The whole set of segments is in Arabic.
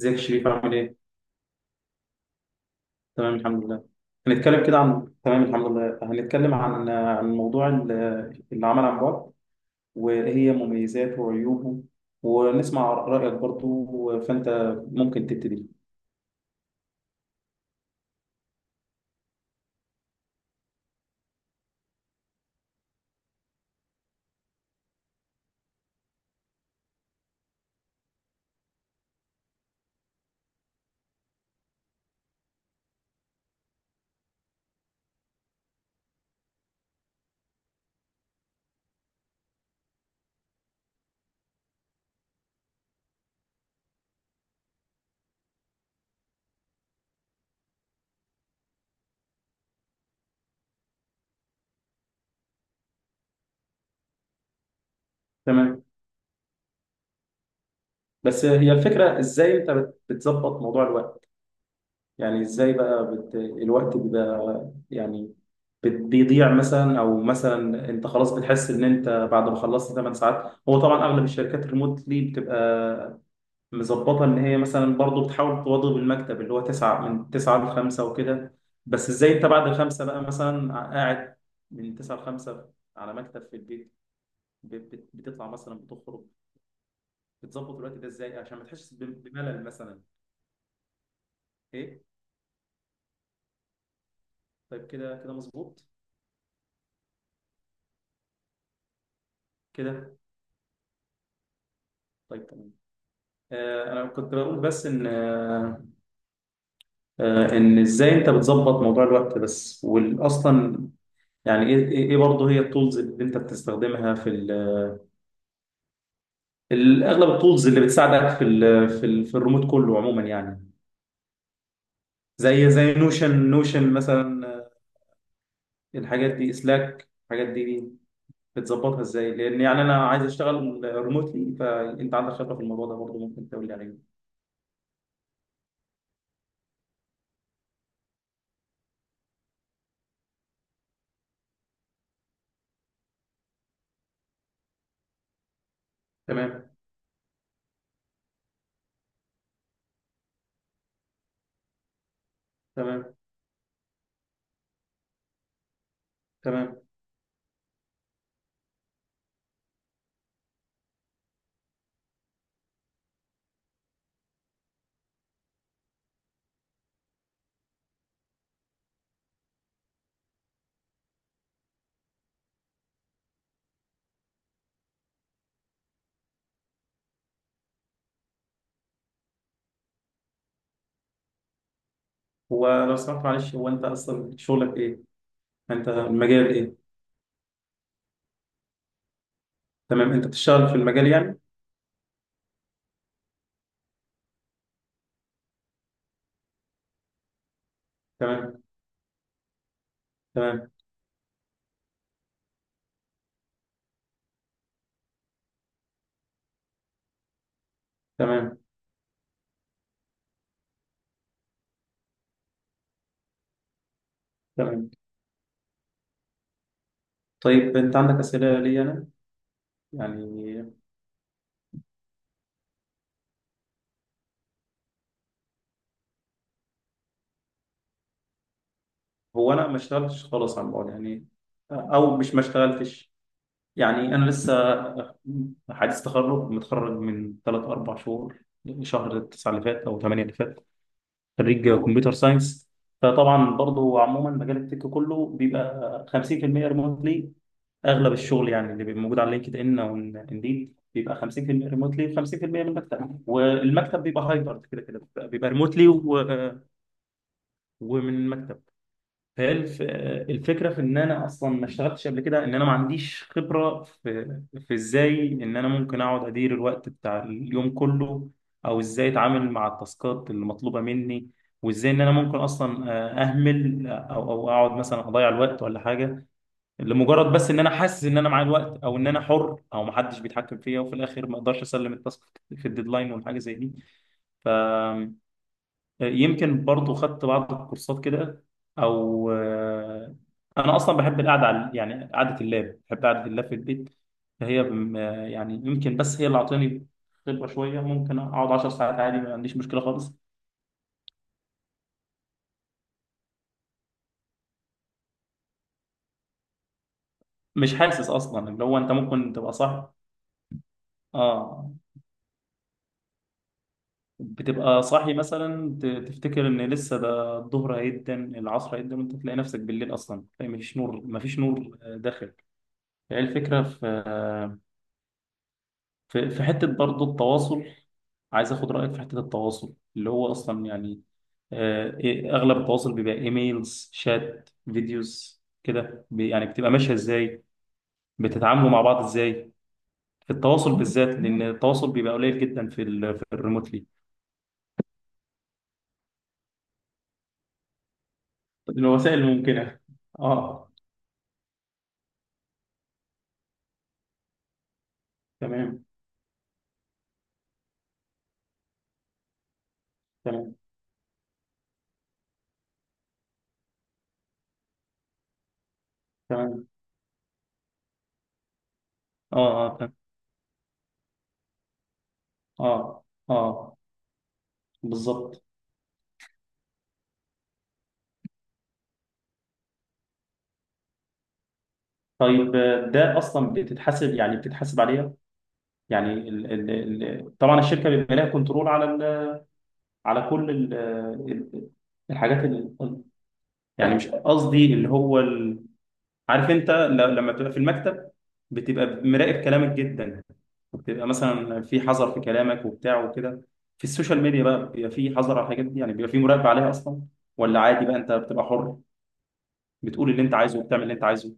ازيك يا شريف؟ عامل ايه؟ تمام، الحمد لله. هنتكلم كده عن تمام الحمد لله. هنتكلم عن موضوع العمل عن بعد، وايه هي مميزاته وعيوبه، ونسمع رأيك برضو. فانت ممكن تبتدي. تمام، بس هي الفكرة، ازاي انت بتظبط موضوع الوقت؟ يعني ازاي بقى الوقت بيبقى يعني بيضيع مثلا، او مثلا انت خلاص بتحس ان انت بعد ما خلصت 8 ساعات، هو طبعا اغلب الشركات ريموتلي بتبقى مظبطة إن هي مثلا برضه بتحاول تواظب المكتب اللي هو تسعة من تسعة لخمسة وكده. بس إزاي أنت بعد الخمسة بقى مثلا قاعد من تسعة لخمسة على مكتب في البيت، بتطلع مثلا، بتخرج؟ بتظبط الوقت ده إزاي عشان ما تحسش بملل مثلا؟ إيه؟ طيب. كده كده مظبوط. كده، طيب، تمام. أنا كنت بقول، بس إن آه آه، إن إزاي أنت بتظبط موضوع الوقت بس، وأصلا يعني إيه برضه هي التولز اللي أنت بتستخدمها في اغلب التولز اللي بتساعدك في الريموت كله عموما، يعني زي نوشن مثلا. الحاجات دي، اسلاك، الحاجات دي بتظبطها ازاي؟ لان يعني انا عايز اشتغل ريموتلي، فانت عندك خبره في الموضوع ده برضه، ممكن تقول لي عليه. تمام، تمام، تمام. هو لو سمحت معلش، هو انت اصلا شغلك ايه؟ انت المجال ايه؟ تمام. انت بتشتغل في المجال يعني؟ تمام، تمام، تمام، تمام. طيب انت عندك اسئله لي انا يعني؟ هو انا ما اشتغلتش خالص على الموضوع يعني، او مش ما اشتغلتش. يعني انا لسه حديث تخرج، متخرج من 3 4 شهور، شهر 9 اللي فات او 8 اللي فات. خريج كمبيوتر ساينس. فطبعا برضو عموما، مجال التك كله بيبقى 50% ريموتلي. اغلب الشغل يعني اللي بيبقى موجود على لينكد ان او انديد بيبقى 50% ريموتلي، 50% من المكتب، والمكتب بيبقى هايبرد. كده كده بيبقى ريموتلي ومن المكتب. فهي الفكره في ان انا اصلا ما اشتغلتش قبل كده، ان انا ما عنديش خبره في ازاي ان انا ممكن اقعد ادير الوقت بتاع اليوم كله، او ازاي اتعامل مع التاسكات اللي مطلوبه مني، وازاي ان انا ممكن اصلا اهمل او اقعد مثلا اضيع الوقت ولا حاجه، لمجرد بس ان انا حاسس ان انا معايا الوقت، او ان انا حر او ما حدش بيتحكم فيا، وفي الاخر ما اقدرش اسلم التاسك في الديدلاين ولا حاجه زي دي. ف، يمكن برضو خدت بعض الكورسات كده، او آه، انا اصلا بحب القعده على، يعني، قعده اللاب. بحب قعده اللاب في البيت. فهي يعني يمكن بس هي اللي اعطاني خبره شويه، ممكن اقعد 10 ساعات عادي، ما عنديش مشكله خالص. مش حاسس اصلا، اللي هو انت ممكن تبقى صاحي. اه، بتبقى صاحي مثلا، تفتكر ان لسه ده الظهر، هيدن العصر، هيدن وانت تلاقي نفسك بالليل اصلا، مفيش نور، مفيش نور داخل. هي الفكره في آه، في في حتة برضه، التواصل. عايز اخد رأيك في حتة التواصل، اللي هو اصلا يعني اغلب التواصل بيبقى ايميلز، شات، فيديوز كده، يعني بتبقى ماشية ازاي؟ بتتعاملوا مع بعض ازاي في التواصل بالذات؟ لان التواصل بيبقى قليل جدا في الريموتلي. الوسائل الممكنة. اه، تمام، تمام، تمام. اه، اه، تمام. اه، اه، بالظبط. طيب، ده اصلا بتتحاسب يعني، بتتحاسب عليها؟ يعني ال ال ال طبعا الشركه بيبقى لها كنترول على ال، على كل ال ال الحاجات ال، يعني مش قصدي اللي هو ال. عارف انت لما بتبقى في المكتب بتبقى مراقب كلامك جدا، وبتبقى مثلا في حذر في كلامك وبتاع وكده. في السوشيال ميديا بقى بيبقى في حذر على الحاجات دي، يعني بيبقى في مراقبه عليها اصلا، ولا عادي بقى انت بتبقى حر بتقول اللي انت عايزه وبتعمل اللي انت عايزه؟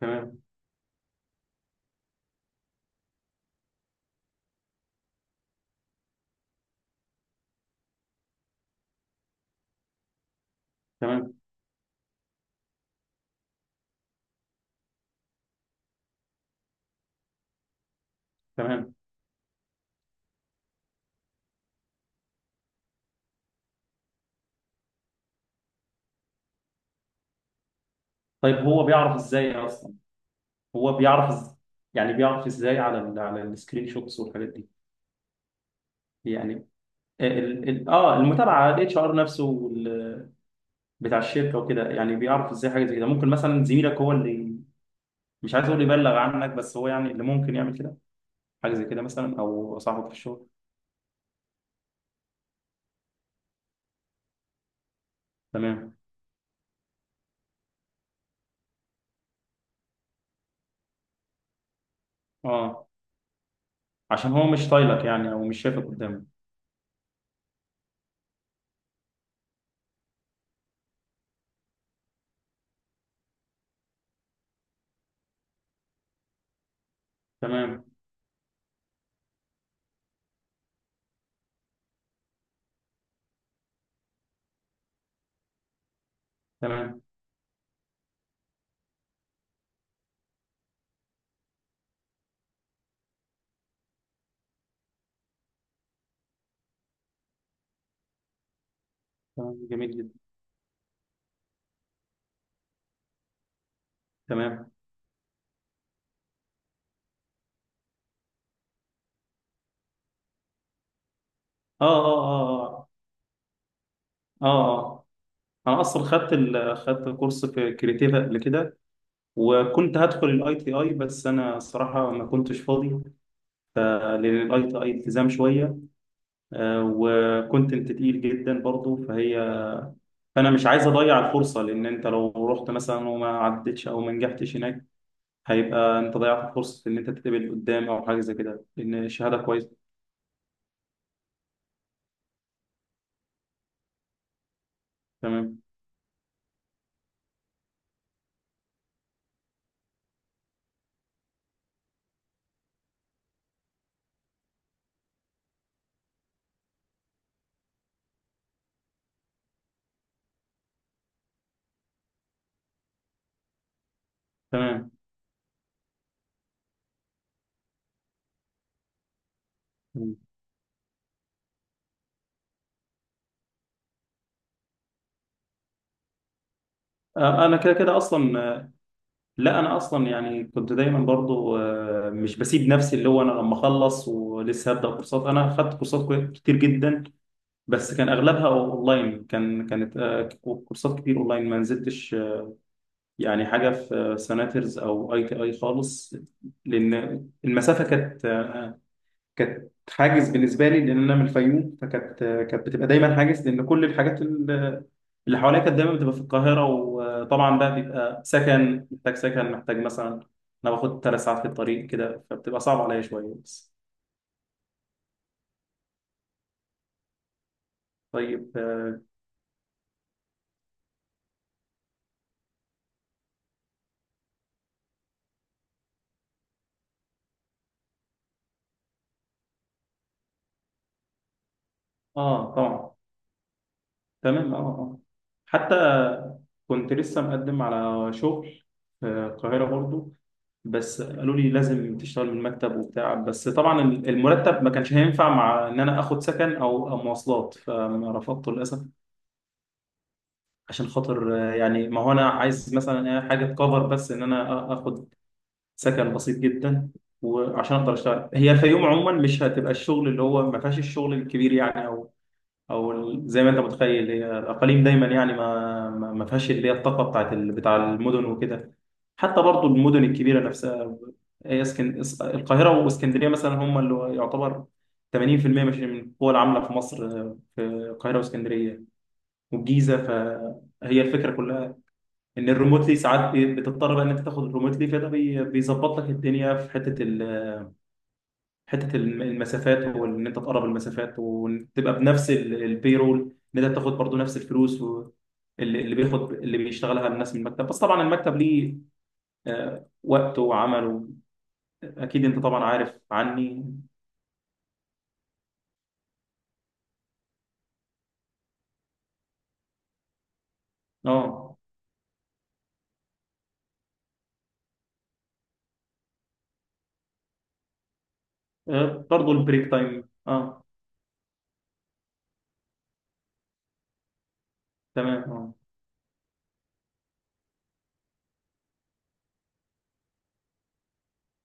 تمام، تمام، تمام. طيب هو بيعرف ازاي اصلا، هو بيعرف يعني بيعرف ازاي على على السكرين شوتس والحاجات دي؟ يعني آه، ال ال اه المتابعه، الاتش ار نفسه، بتاع الشركه وكده، يعني بيعرف ازاي حاجه زي كده؟ ممكن مثلا زميلك هو اللي، مش عايز اقول يبلغ عنك، بس هو يعني اللي ممكن يعمل كده، حاجه زي كده، مثلا، او صاحبك في الشغل. تمام. اه، عشان هو مش طايلك يعني، او مش شايفك قدامه. تمام، تمام، تمام جميل جدا. تمام، اه، اه، اه، اه، اه، آه. انا اصلا خدت كورس في كريتيفا قبل كده، وكنت هدخل الاي تي اي بس انا صراحه ما كنتش فاضي، لان الاي تي اي التزام شويه، وكنت تقيل جدا برضه فهي، فانا مش عايز اضيع الفرصه، لان انت لو رحت مثلا وما عدتش او ما نجحتش هناك، هيبقى انت ضيعت فرصه ان انت تتقبل قدام او حاجه زي كده، لان الشهاده كويسه. تمام، تمام. انا كده كده اصلا، لا انا اصلا يعني كنت دايما برضو، مش بسيب نفسي. اللي هو انا لما اخلص ولسه هبدا كورسات، انا خدت كورسات كتير جدا، بس كان اغلبها اونلاين. كان كانت آه، كورسات كتير اونلاين ما نزلتش، يعني حاجه في، سناترز او اي تي اي خالص. لان المسافه كانت حاجز بالنسبه لي، لان انا من الفيوم، فكانت آه، كانت بتبقى دايما حاجز، لان كل الحاجات اللي حواليا كانت دايما بتبقى في القاهره. وطبعا بقى بيبقى سكن، محتاج سكن، محتاج مثلا، انا باخد 3 ساعات في الطريق كده، فبتبقى صعبه عليا شويه بس. طيب، اه. طبعا، تمام، اه، اه. حتى كنت لسه مقدم على شغل في القاهرة برضو، بس قالوا لي لازم تشتغل من المكتب وبتاع. بس طبعا المرتب ما كانش هينفع مع ان انا اخد سكن او مواصلات، فرفضته للاسف. عشان خاطر، يعني، ما هو انا عايز مثلا، حاجه تكفر بس ان انا اخد سكن بسيط جدا، وعشان اقدر اشتغل. هي الفيوم عموما مش هتبقى الشغل اللي هو ما فيهاش الشغل الكبير يعني، او زي ما انت متخيل، هي الاقاليم دايما يعني ما فيهاش اللي هي الطاقه بتاعت بتاع المدن وكده. حتى برضو المدن الكبيره نفسها، هي القاهره واسكندريه مثلا هم اللي يعتبر 80%، مش من القوى العامله في مصر، في القاهره واسكندريه والجيزه. فهي الفكره كلها ان الريموتلي ساعات بتضطر بقى ان انت تاخد الريموتلي، فده بيظبط لك الدنيا في حته، المسافات، وان انت تقرب المسافات وتبقى بنفس رول، ان انت تاخد برضو نفس الفلوس اللي بياخد، اللي بيشتغلها الناس من المكتب. بس طبعا المكتب ليه وقته وعمله، اكيد انت طبعا عارف عني. اه، برضو البريك تايم، اه، تمام، اه.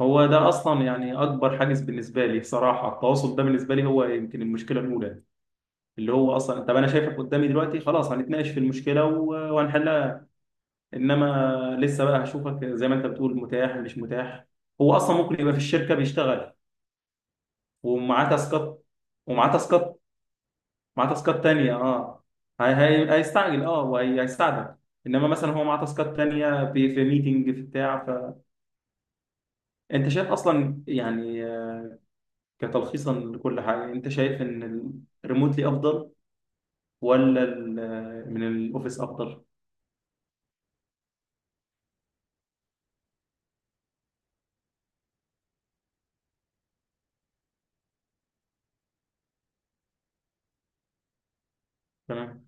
هو ده اصلا يعني اكبر حاجز بالنسبه لي صراحه، التواصل ده بالنسبه لي هو يمكن المشكله الاولى. اللي هو اصلا، طب انا شايفك قدامي دلوقتي خلاص، هنتناقش في المشكله وهنحلها. انما لسه بقى هشوفك زي ما انت بتقول، متاح مش متاح. هو اصلا ممكن يبقى في الشركه بيشتغل ومعاه تاسكات ومعاه تاسكات معاه تاسكات تانية، اه. هي هي هيستعجل، اه، وهيستعجل. انما مثلا هو معاه تاسكات تانية في ميتنج في بتاع. فانت شايف اصلا يعني، كتلخيصا لكل حاجه، انت شايف ان الريموتلي افضل ولا من الاوفيس افضل؟ تمام،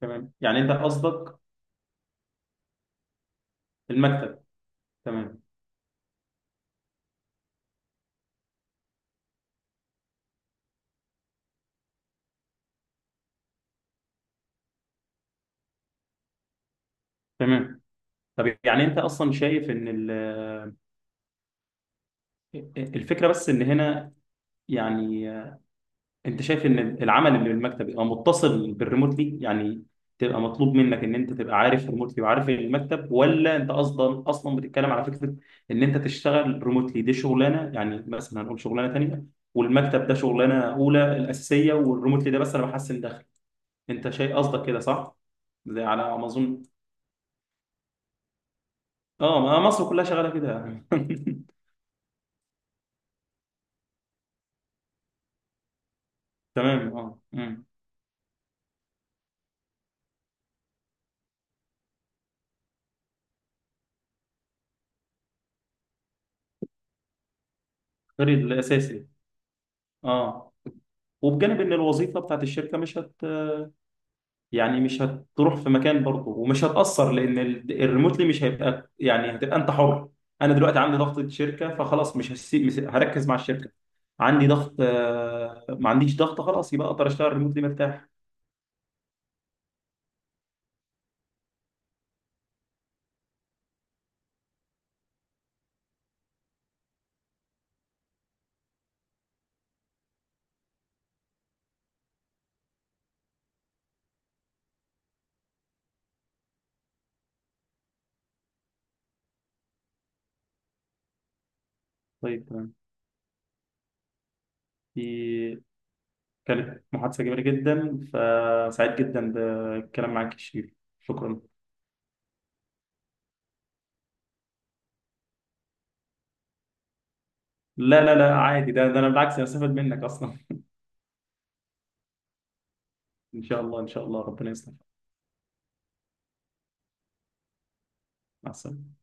تمام. يعني انت قصدك المكتب. تمام، تمام. طب يعني انت اصلا شايف ان الفكره بس ان هنا، يعني، انت شايف ان العمل اللي بالمكتب يبقى متصل بالريموتلي، يعني تبقى مطلوب منك ان انت تبقى عارف ريموتلي وعارف المكتب، ولا انت اصلا بتتكلم على فكره ان انت تشتغل ريموتلي دي شغلانه، يعني مثلا هنقول شغلانه تانيه، والمكتب ده شغلانه اولى الاساسيه، والريموتلي ده بس انا بحسن دخل. انت شايف قصدك كده صح؟ زي على ما اظن. اه، ما مصر كلها شغاله كده. تمام، اه، مم. غير الاساسي، اه، وبجانب ان الوظيفه بتاعت الشركه مش يعني مش هتروح في مكان برضه، ومش هتاثر، لان الريموتلي مش هيبقى، يعني هتبقى انت حر. انا دلوقتي عندي ضغط شركه، فخلاص مش هسيب، مش هركز مع الشركه. عندي ضغط، ما عنديش ضغط خلاص يبقى اقدر اشتغل ريموتلي مرتاح. طيب، تمام. دي كانت محادثه جميله جدا، فسعيد جدا بالكلام معاك يا شيرين. شكرا. لا، لا، لا عادي، ده انا بالعكس هستفاد منك اصلا. ان شاء الله، ان شاء الله، ربنا يسلمك. مع السلامه.